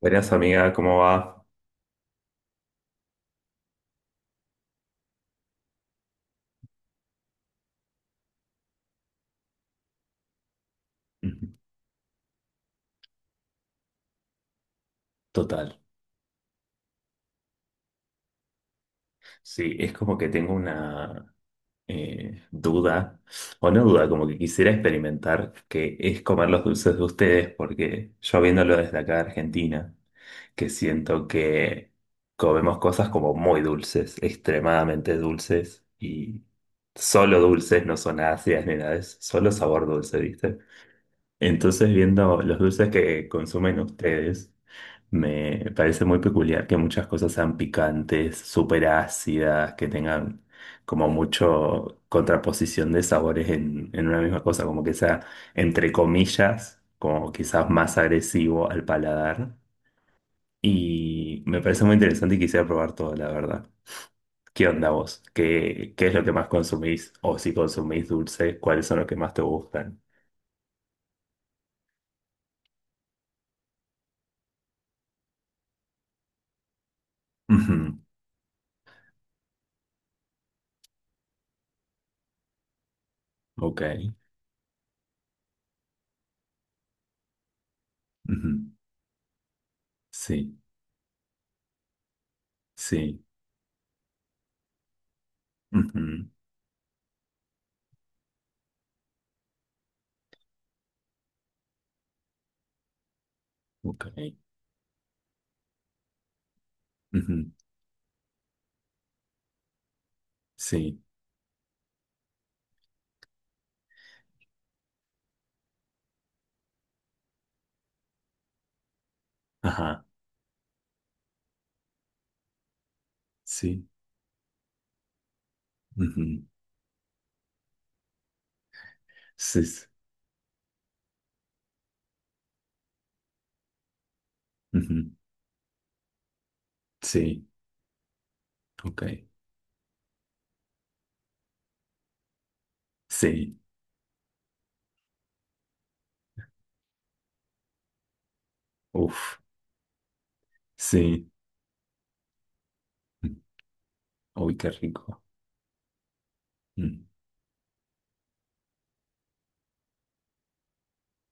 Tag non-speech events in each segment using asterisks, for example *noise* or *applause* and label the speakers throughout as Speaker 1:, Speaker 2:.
Speaker 1: Buenas amiga, ¿cómo va? Ujú. Total. Sí, es como que tengo una duda, o no duda, como que quisiera experimentar que es comer los dulces de ustedes, porque yo viéndolo desde acá de Argentina, que siento que comemos cosas como muy dulces, extremadamente dulces, y solo dulces, no son ácidas ni nada, es solo sabor dulce, ¿viste? Entonces, viendo los dulces que consumen ustedes, me parece muy peculiar que muchas cosas sean picantes, súper ácidas, que tengan como mucho contraposición de sabores en una misma cosa, como que sea, entre comillas, como quizás más agresivo al paladar. Y me parece muy interesante y quisiera probar todo, la verdad. ¿Qué onda vos? ¿Qué es lo que más consumís? O si consumís dulce, ¿cuáles son los que más te gustan? *laughs* Ujú. Ok. Ujú. Sí, sí. Ujú. Ok. Ujú. Sí. Ajá. Sí. Ujú. Sí. Sí. Ujú, sí. Ok. Sí. Uf. Sí. mm, Uy, qué rico. mm,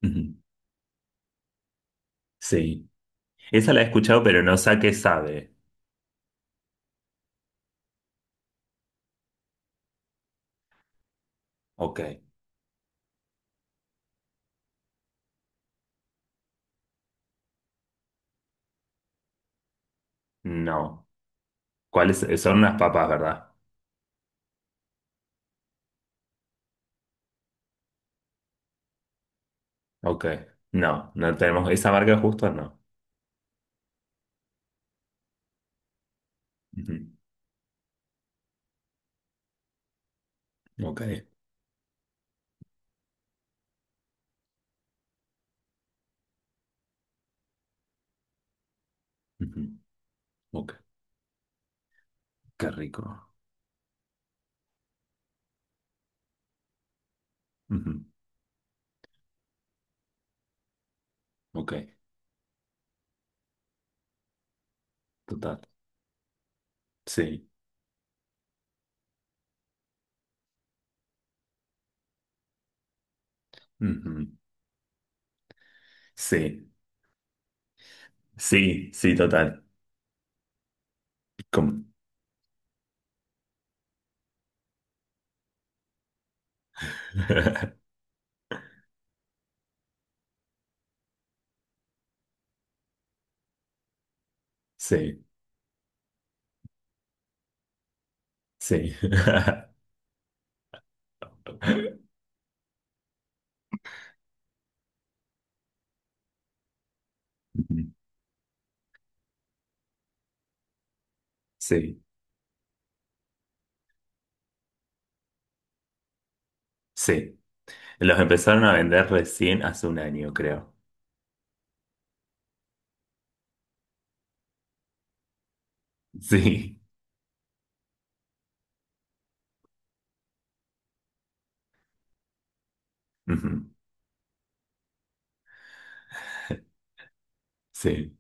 Speaker 1: ujú. Sí. Esa la he escuchado, pero no sé a qué sabe. Ok. No. ¿Cuáles? Son unas papas, ¿verdad? Ok. No, no tenemos. ¿Esa marca justo? No. Ujú. Ok. Ujú. Ok. Qué rico. Ujú. Ok. Total. Sí. Ujú. Sí, sí, sí, total. Como- *laughs* Sí, sí. *laughs* Ujú. Sí, sí. Los empezaron a vender recién hace un año, creo. Sí. Ujú. Sí.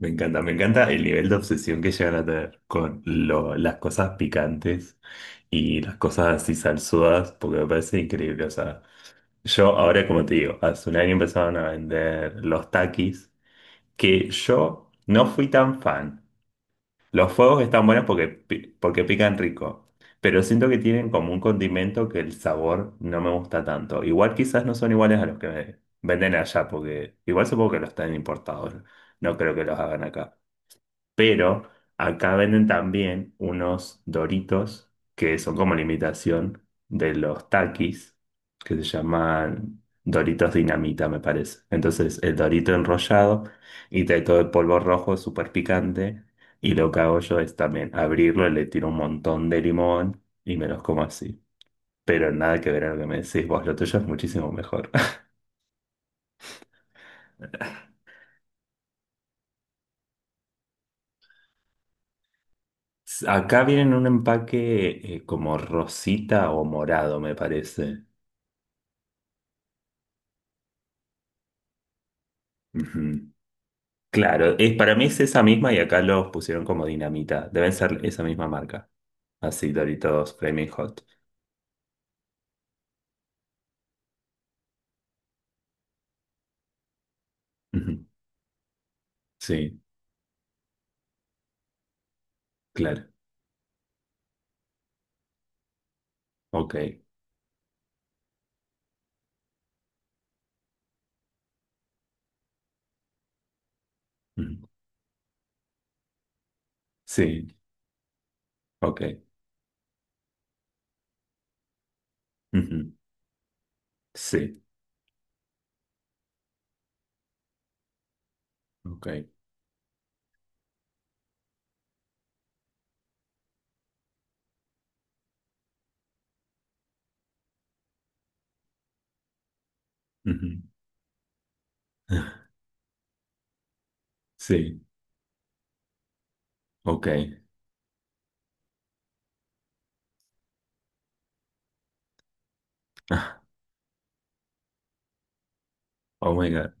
Speaker 1: Me encanta el nivel de obsesión que llegan a tener con las cosas picantes y las cosas así salsudas, porque me parece increíble. O sea, yo ahora, como te digo, hace un año empezaron a vender los takis, que yo no fui tan fan. Los fuegos están buenos porque, porque pican rico, pero siento que tienen como un condimento que el sabor no me gusta tanto. Igual quizás no son iguales a los que venden allá, porque igual supongo que los están importados. No creo que los hagan acá. Pero acá venden también unos Doritos que son como la imitación de los Takis, que se llaman Doritos Dinamita, me parece. Entonces, el Dorito enrollado y trae todo el polvo rojo súper picante. Y lo que hago yo es también abrirlo, y le tiro un montón de limón y me los como así. Pero nada que ver a lo que me decís vos, lo tuyo es muchísimo mejor. *laughs* Acá vienen en un empaque como rosita o morado, me parece. Ujú. Claro, es, para mí es esa misma y acá los pusieron como dinamita. Deben ser esa misma marca. Así, Doritos Flaming Hot. Ujú. Sí, claro. Ok. Ujú. Sí, ok. Ujú. Sí, ok. Ujú. *laughs* Sí, ok. *laughs* Oh my God.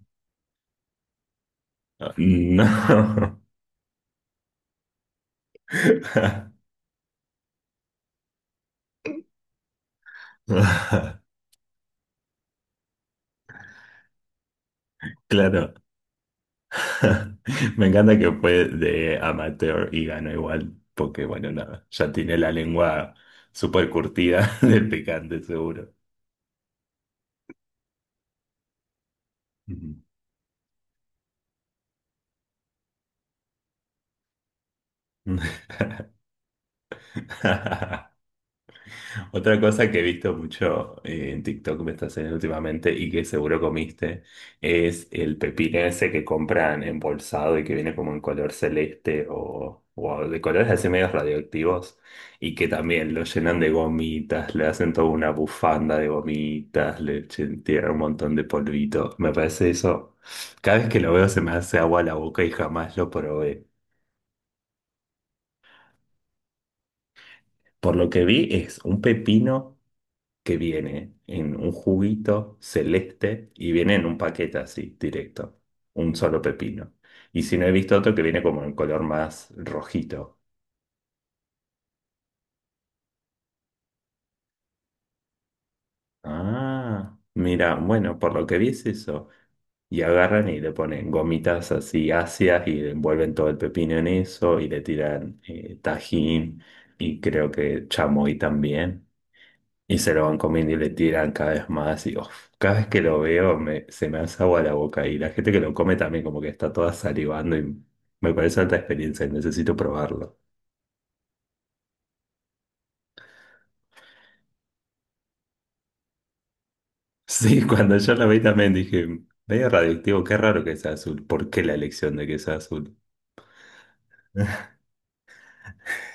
Speaker 1: No. *laughs* Claro. *laughs* Me encanta que fue de amateur y ganó igual, porque bueno, nada, ya tiene la lengua súper curtida *laughs* del picante, seguro. Ujú. *laughs* Otra cosa que he visto mucho en TikTok me está haciendo últimamente y que seguro comiste es el pepino ese que compran embolsado y que viene como en color celeste o de colores así medios radioactivos y que también lo llenan de gomitas, le hacen toda una bufanda de gomitas, tiran un montón de polvito. Me parece eso, cada vez que lo veo se me hace agua a la boca y jamás lo probé. Por lo que vi es un pepino que viene en un juguito celeste y viene en un paquete así, directo, un solo pepino. Y si no he visto otro que viene como en color más rojito. Ah, mira, bueno, por lo que vi es eso. Y agarran y le ponen gomitas así ácidas y envuelven todo el pepino en eso y le tiran tajín y creo que chamoy también. Y se lo van comiendo y le tiran cada vez más y uf, cada vez que lo veo se me hace agua la boca y la gente que lo come también como que está toda salivando y me parece alta experiencia y necesito probarlo. Sí, *laughs* cuando yo lo vi también dije, medio radioactivo, qué raro que sea azul, ¿por qué la elección de que sea azul?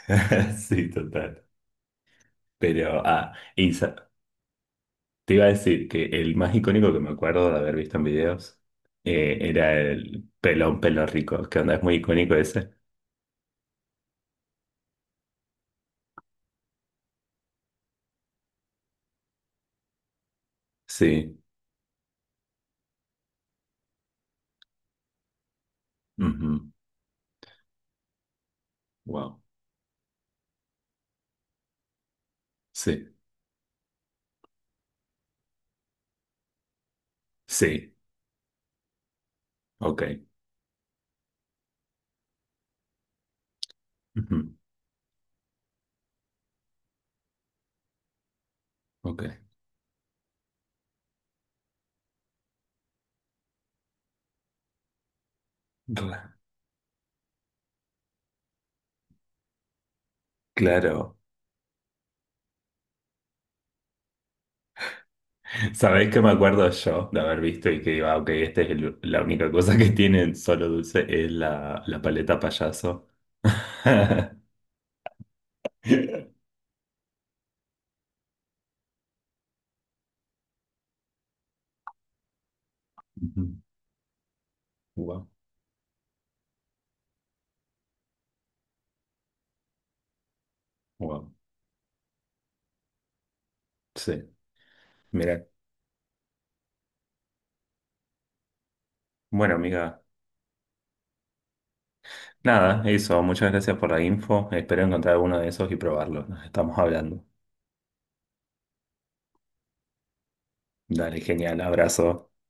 Speaker 1: *laughs* Sí, total. Pero, ah, y sa- Te iba a decir que el más icónico que me acuerdo de haber visto en videos era el pelón pelo rico, que onda es muy icónico ese. Sí. Ujú. Wow. Sí, sí, ok. Ujú. Ok. Cla- Claro. ¿Sabéis que me acuerdo yo de haber visto y que digo, ah, ok, esta es la única cosa que tienen solo dulce es la paleta payaso? *laughs* Ujú. Wow, wow. Sí. Mira. Bueno, amiga. Nada, eso. Muchas gracias por la info. Espero encontrar alguno de esos y probarlo. Nos estamos hablando. Dale, genial. Abrazo.